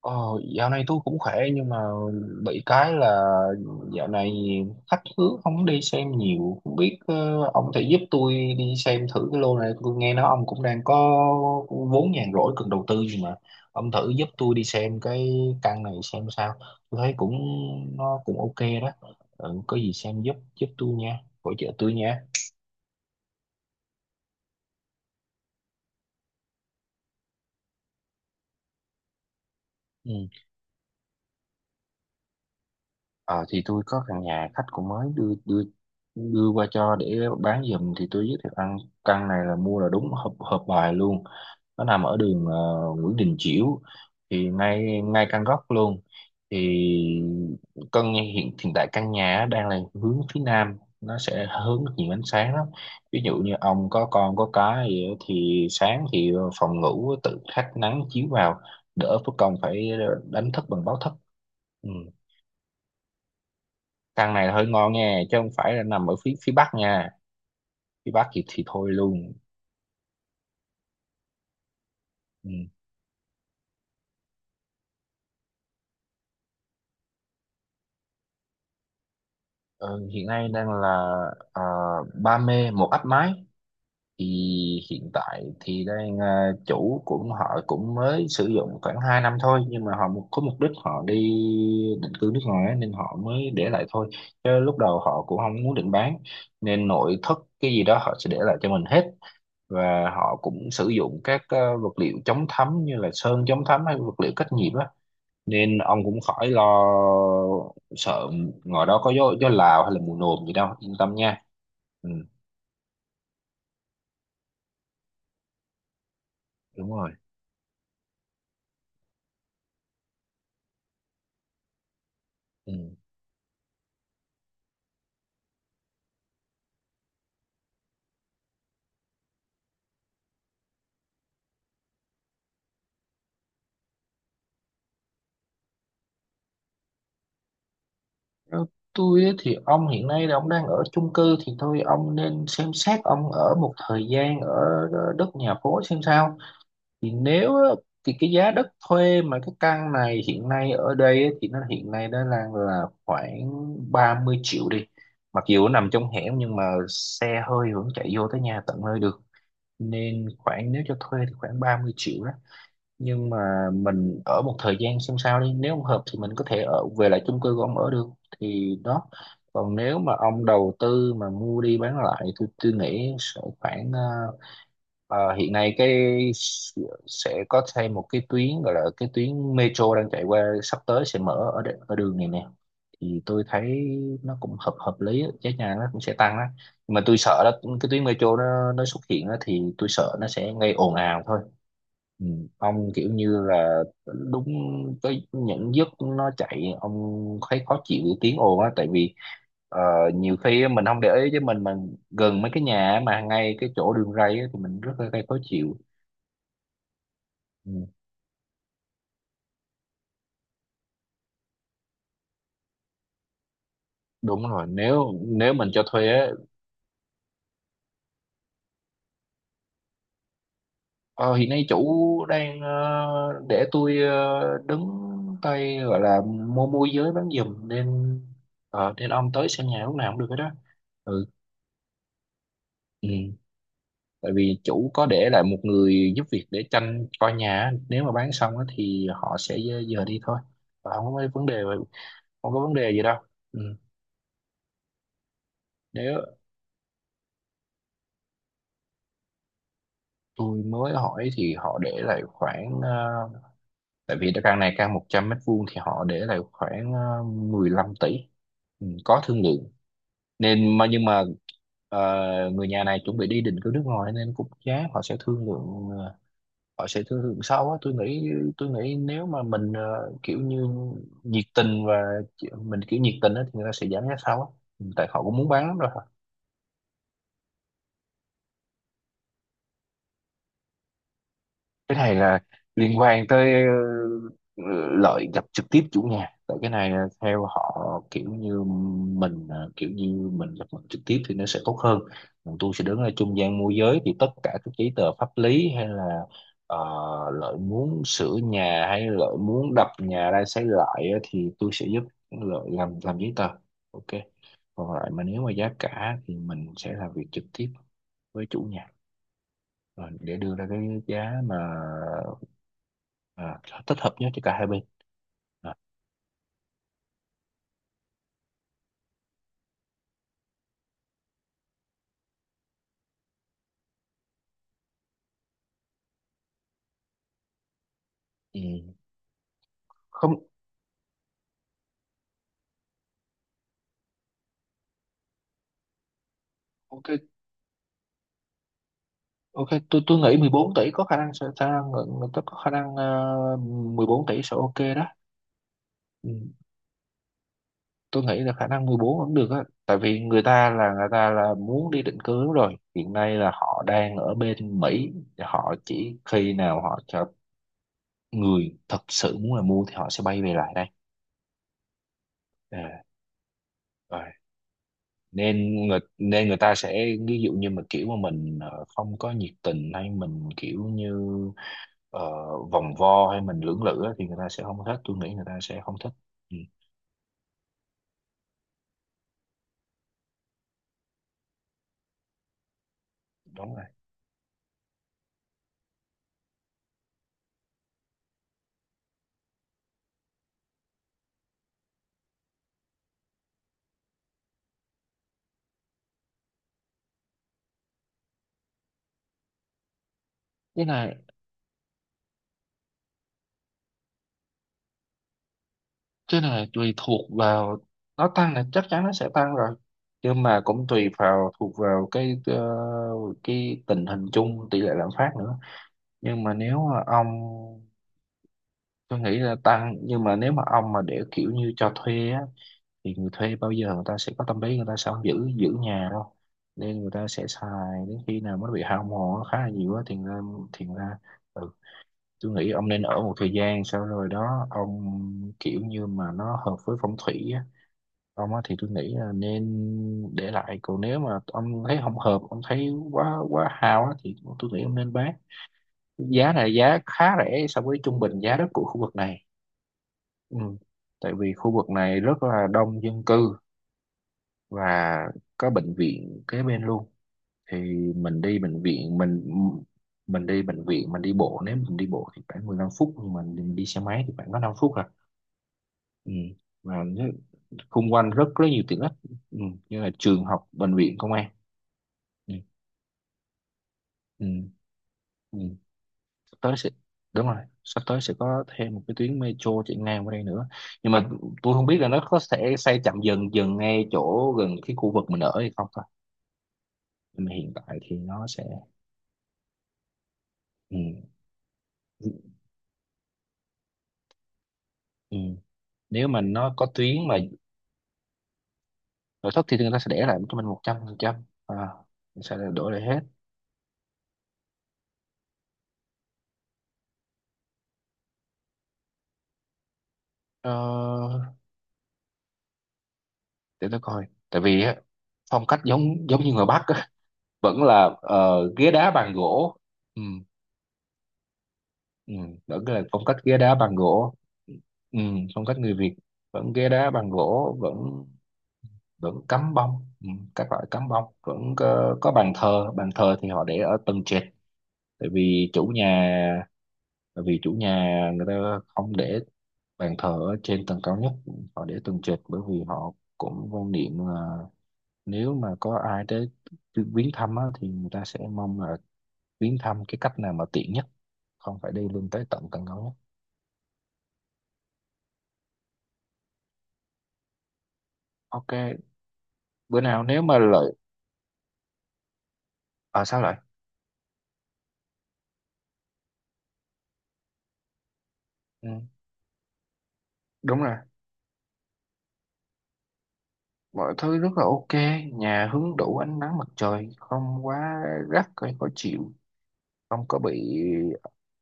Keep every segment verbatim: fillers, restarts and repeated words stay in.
Ờ, Dạo này tôi cũng khỏe nhưng mà bị cái là dạo này khách hứa không đi xem nhiều, không biết ờ, ông thể giúp tôi đi xem thử cái lô này. Tôi nghe nói ông cũng đang có vốn nhàn rỗi cần đầu tư gì mà, ông thử giúp tôi đi xem cái căn này xem sao. Tôi thấy cũng nó cũng ok đó. Ừ, có gì xem giúp giúp tôi nha, hỗ trợ tôi nha. Ừ. Ờ thì tôi có căn nhà khách cũng mới đưa đưa đưa qua cho để bán giùm, thì tôi giới thiệu ăn. Căn này là mua là đúng hợp hợp bài luôn. Nó nằm ở đường ờ, Nguyễn Đình Chiểu, thì ngay ngay căn góc luôn. Thì căn nhà- hiện hiện tại căn nhà á đang là hướng phía Nam, nó sẽ hướng được nhiều ánh sáng lắm. Ví dụ như ông có con có cái gì á thì sáng thì phòng ngủ tự thác nắng chiếu vào, đỡ phải công phải đánh thức bằng báo thức. Ừ. Căn này là hơi ngon nha, chứ không phải là nằm ở phía phía Bắc nha. Phía Bắc thì thì thôi luôn. Ừ. Ờ, Hiện nay đang là ờ, Ba Mê một áp mái. Thì hiện tại thì đang ờ, chủ cũng họ cũng mới sử dụng khoảng hai năm thôi, nhưng mà họ mục- có mục đích họ đi định cư nước ngoài á, nên họ mới để lại thôi. Chứ lúc đầu họ cũng không muốn định bán. Nên nội thất cái gì đó họ sẽ để lại cho mình hết. Và họ cũng sử dụng các ờ, vật liệu chống thấm như là sơn chống thấm hay vật liệu cách nhiệt á, nên ông cũng khỏi lo sợ ngoài đó có gió, gió Lào hay là mùa nồm gì đâu, yên tâm nha. Ừ. Đúng rồi. Ừ. Theo tôi á thì ông hiện nay là ông đang ở chung cư, thì thôi ông nên xem xét ông ở một thời gian ở ờ, đất nhà phố xem sao. Thì nếu á, thì cái giá đất thuê mà cái căn này hiện nay ở đây á, thì nó hiện nay nó đang là khoảng ba mươi triệu đi. Mặc dù nó nằm trong hẻm nhưng mà xe hơi vẫn chạy vô tới nhà tận nơi được. Nên khoảng nếu cho thuê thì khoảng ba mươi triệu đó. Nhưng mà mình ở một thời gian xem sao đi, nếu không hợp thì mình có thể ở về lại chung cư của ông ở được, thì đó. Còn nếu mà ông đầu tư mà mua đi bán lại thì tôi nghĩ sẽ khoảng ờ, Ờ, hiện nay cái sẽ có thêm một cái tuyến gọi là cái tuyến metro đang chạy qua, sắp tới sẽ mở ở đ- ở đường này nè. Thì tôi thấy nó cũng hợp hợp lý á, giá nhà nó cũng sẽ tăng đó. Nhưng mà tôi sợ đó, cái tuyến metro nó nó xuất hiện á, thì tôi sợ nó sẽ gây ồn ào thôi. Ừ. Ông kiểu như là đúng cái những giấc nó chạy ông thấy khó chịu cái tiếng ồn á, tại vì Ờ, nhiều khi á, mình không để ý chứ mình mình gần mấy cái nhà mà ngay cái chỗ đường ray á, thì mình rất là gây khó chịu. Ừ. Đúng rồi. Nếu nếu mình cho thuê á, ờ, hiện nay chủ đang ờ, để tôi ờ, đứng tay gọi là mua môi giới bán giùm nên. Ờ, nên ông tới xem nhà lúc nào cũng được hết đó. Ừ. Ừ. Tại vì chủ có để lại một người giúp việc để tranh coi nhà á. Nếu mà bán xong á, thì họ sẽ ờ, giờ đi thôi. Và không có vấn đề không có vấn đề gì đâu. Ừ. Nếu tôi mới hỏi thì họ để lại khoảng ờ, tại vì căn này căn một trăm mét vuông thì họ để lại khoảng ờ, mười lăm tỷ. Ừ, có thương lượng. Nên mà nhưng mà ờ, người nhà này chuẩn bị đi định cư nước ngoài nên cũng giá họ sẽ thương lượng ờ, họ sẽ thương lượng sau á tôi nghĩ. Tôi nghĩ nếu mà mình ờ, kiểu như nhiệt tình, và chị- mình kiểu nhiệt tình á thì người ta sẽ giảm giá sau á. Ừ, tại họ cũng muốn bán lắm rồi. Cái này là liên quan tới ờ, lợi gặp trực tiếp chủ nhà, tại cái này là theo họ, kiểu như mình ờ, kiểu như mình gặp mặt trực tiếp thì nó sẽ tốt hơn. Còn tôi sẽ đứng ở trung gian môi giới, thì tất cả các giấy tờ pháp lý hay là ờ, lợi muốn sửa nhà hay lợi muốn đập nhà ra xây lại á, thì tôi sẽ giúp lợi làm làm giấy tờ. Ok. Còn lại mà nếu mà giá cả thì mình sẽ làm việc trực tiếp với chủ nhà, rồi để đưa ra cái giá mà à, thích hợp nhất cho cả hai bên. à, ừ. Không. Ok. Ok, tôi tôi nghĩ mười bốn tỷ có khả năng sẽ khả người người ta có khả năng ờ, mười bốn tỷ sẽ ok đó. Ừ, tôi nghĩ là khả năng mười bốn vẫn được á, tại vì người ta là người ta là muốn đi định cư rồi, hiện nay là họ đang ở bên Mỹ. Họ chỉ khi nào họ cho người thật sự muốn là mua thì họ sẽ bay về lại đây. à, Rồi. Nên người nên người ta sẽ ví dụ như mà kiểu mà mình ờ, không có nhiệt tình hay mình kiểu như ờ, vòng vo hay mình lưỡng lự á, thì người ta sẽ không thích. Tôi nghĩ người ta sẽ không thích. Ừ, đúng rồi. Cái này cái này tùy thuộc vào, nó tăng là chắc chắn nó sẽ tăng rồi. Nhưng mà cũng tùy vào thuộc vào cái ờ, cái tình hình chung, tỷ lệ lạm phát nữa. Nhưng mà nếu mà ông tôi nghĩ là tăng, nhưng mà nếu mà ông mà để kiểu như cho thuê á thì người thuê bao giờ người ta sẽ có tâm lý, người ta sẽ không giữ giữ nhà đâu. Nên người ta sẽ xài đến khi nào mới bị hao mòn nó khá là nhiều á thì ra thì ra. Ừ. Tôi nghĩ ông nên ở một thời gian sau rồi đó ông, kiểu như mà nó hợp với phong thủy á ông á thì tôi nghĩ là nên để lại. Còn nếu mà ông thấy không hợp, ông thấy quá quá hao á thì tôi nghĩ ông nên bán. Giá này giá khá rẻ so với trung bình giá đất của khu vực này. Ừ. Tại vì khu vực này rất là đông dân cư, và có bệnh viện kế bên luôn. Thì mình đi bệnh viện mình mình đi bệnh viện, mình đi bộ nếu mình đi bộ thì khoảng mười lăm phút, nhưng mà mình đi xe máy thì khoảng có năm phút à. Ừ. Và nó- xung quanh rất rất nhiều tiện ích. Ừ. Như là trường học, bệnh viện, công an. Ừ. Ừ. Ừ. Sắp tới sẽ đúng rồi, sắp tới sẽ có thêm một cái tuyến metro chạy ngang qua đây nữa. Nhưng mà tôi không biết là nó có sẽ xây chậm dần dần ngay chỗ gần cái khu vực mình ở hay không thôi. Nhưng mà hiện tại thì nó sẽ. Ừ. Ừ. Nếu mà nó có tuyến mà nội thất, thì người ta sẽ để lại cho mình một trăm phần trăm. à, mình sẽ đổi lại hết. ờ, để tôi coi tại vì á, phong cách giống giống như người Bắc á, vẫn là ờ, ghế đá bàn gỗ. Ừ. Ừ. Vẫn là phong cách ghế đá bàn gỗ. Ừ, phong cách người Việt, vẫn ghế đá bàn gỗ, vẫn vẫn cắm bông. Ừ, các loại cắm bông vẫn có, có bàn thờ bàn thờ thì họ để ở tầng trệt, tại vì chủ nhà. Bởi vì chủ nhà người ta không để bàn thờ ở trên tầng cao nhất. Họ để tầng trệt bởi vì họ cũng quan niệm là, nếu mà có ai tới viếng thăm á, thì người ta sẽ mong là viếng thăm cái cách nào mà tiện nhất, không phải đi lên tới tận tầng cao nhất. Ok. Bữa nào nếu mà lợi. À sao lại. Ừ. Đúng rồi. Mọi thứ rất là ok. Nhà hứng đủ ánh nắng mặt trời, không quá gắt hay khó chịu. Không có bị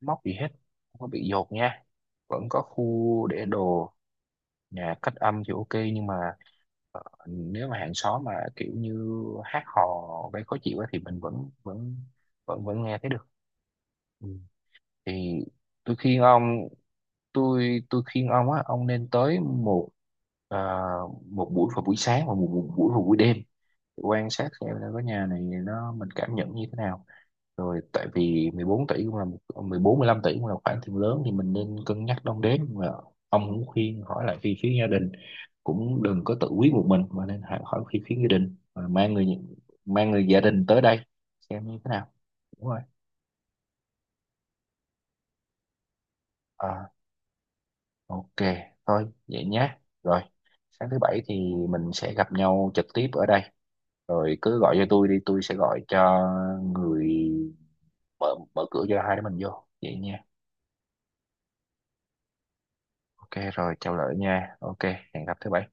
móc gì hết. Không có bị dột nha. Vẫn có khu để đồ. Nhà cách âm thì ok, nhưng mà ờ, nếu mà hàng xóm mà kiểu như hát hò gây khó chịu á thì mình vẫn vẫn vẫn vẫn nghe thấy được. Ừ. Thì tôi khuyên ông, tôi tôi khuyên ông á, ông nên tới một à, một buổi vào buổi sáng và một, một buổi vào buổi đêm, để quan sát xem là cái nhà này nó mình cảm nhận như thế nào. Rồi tại vì mười bốn tỷ cũng là một, mười bốn mười lăm tỷ cũng là khoản tiền lớn, thì mình nên cân nhắc đong đếm mà. Ông cũng khuyên hỏi lại phía phía gia đình, cũng đừng có tự quyết một mình mà nên hỏi hỏi phía phía gia đình. Mà mang người mang người gia đình tới đây xem như thế nào. Đúng rồi. Ok, thôi vậy nhé. Rồi, sáng thứ bảy thì mình sẽ gặp nhau trực tiếp ở đây. Rồi cứ gọi cho tôi đi, tôi sẽ gọi cho người mở mở cửa cho hai đứa mình vô. Vậy nha. Ok, rồi chào lỡ nha. Ok, hẹn gặp thứ bảy.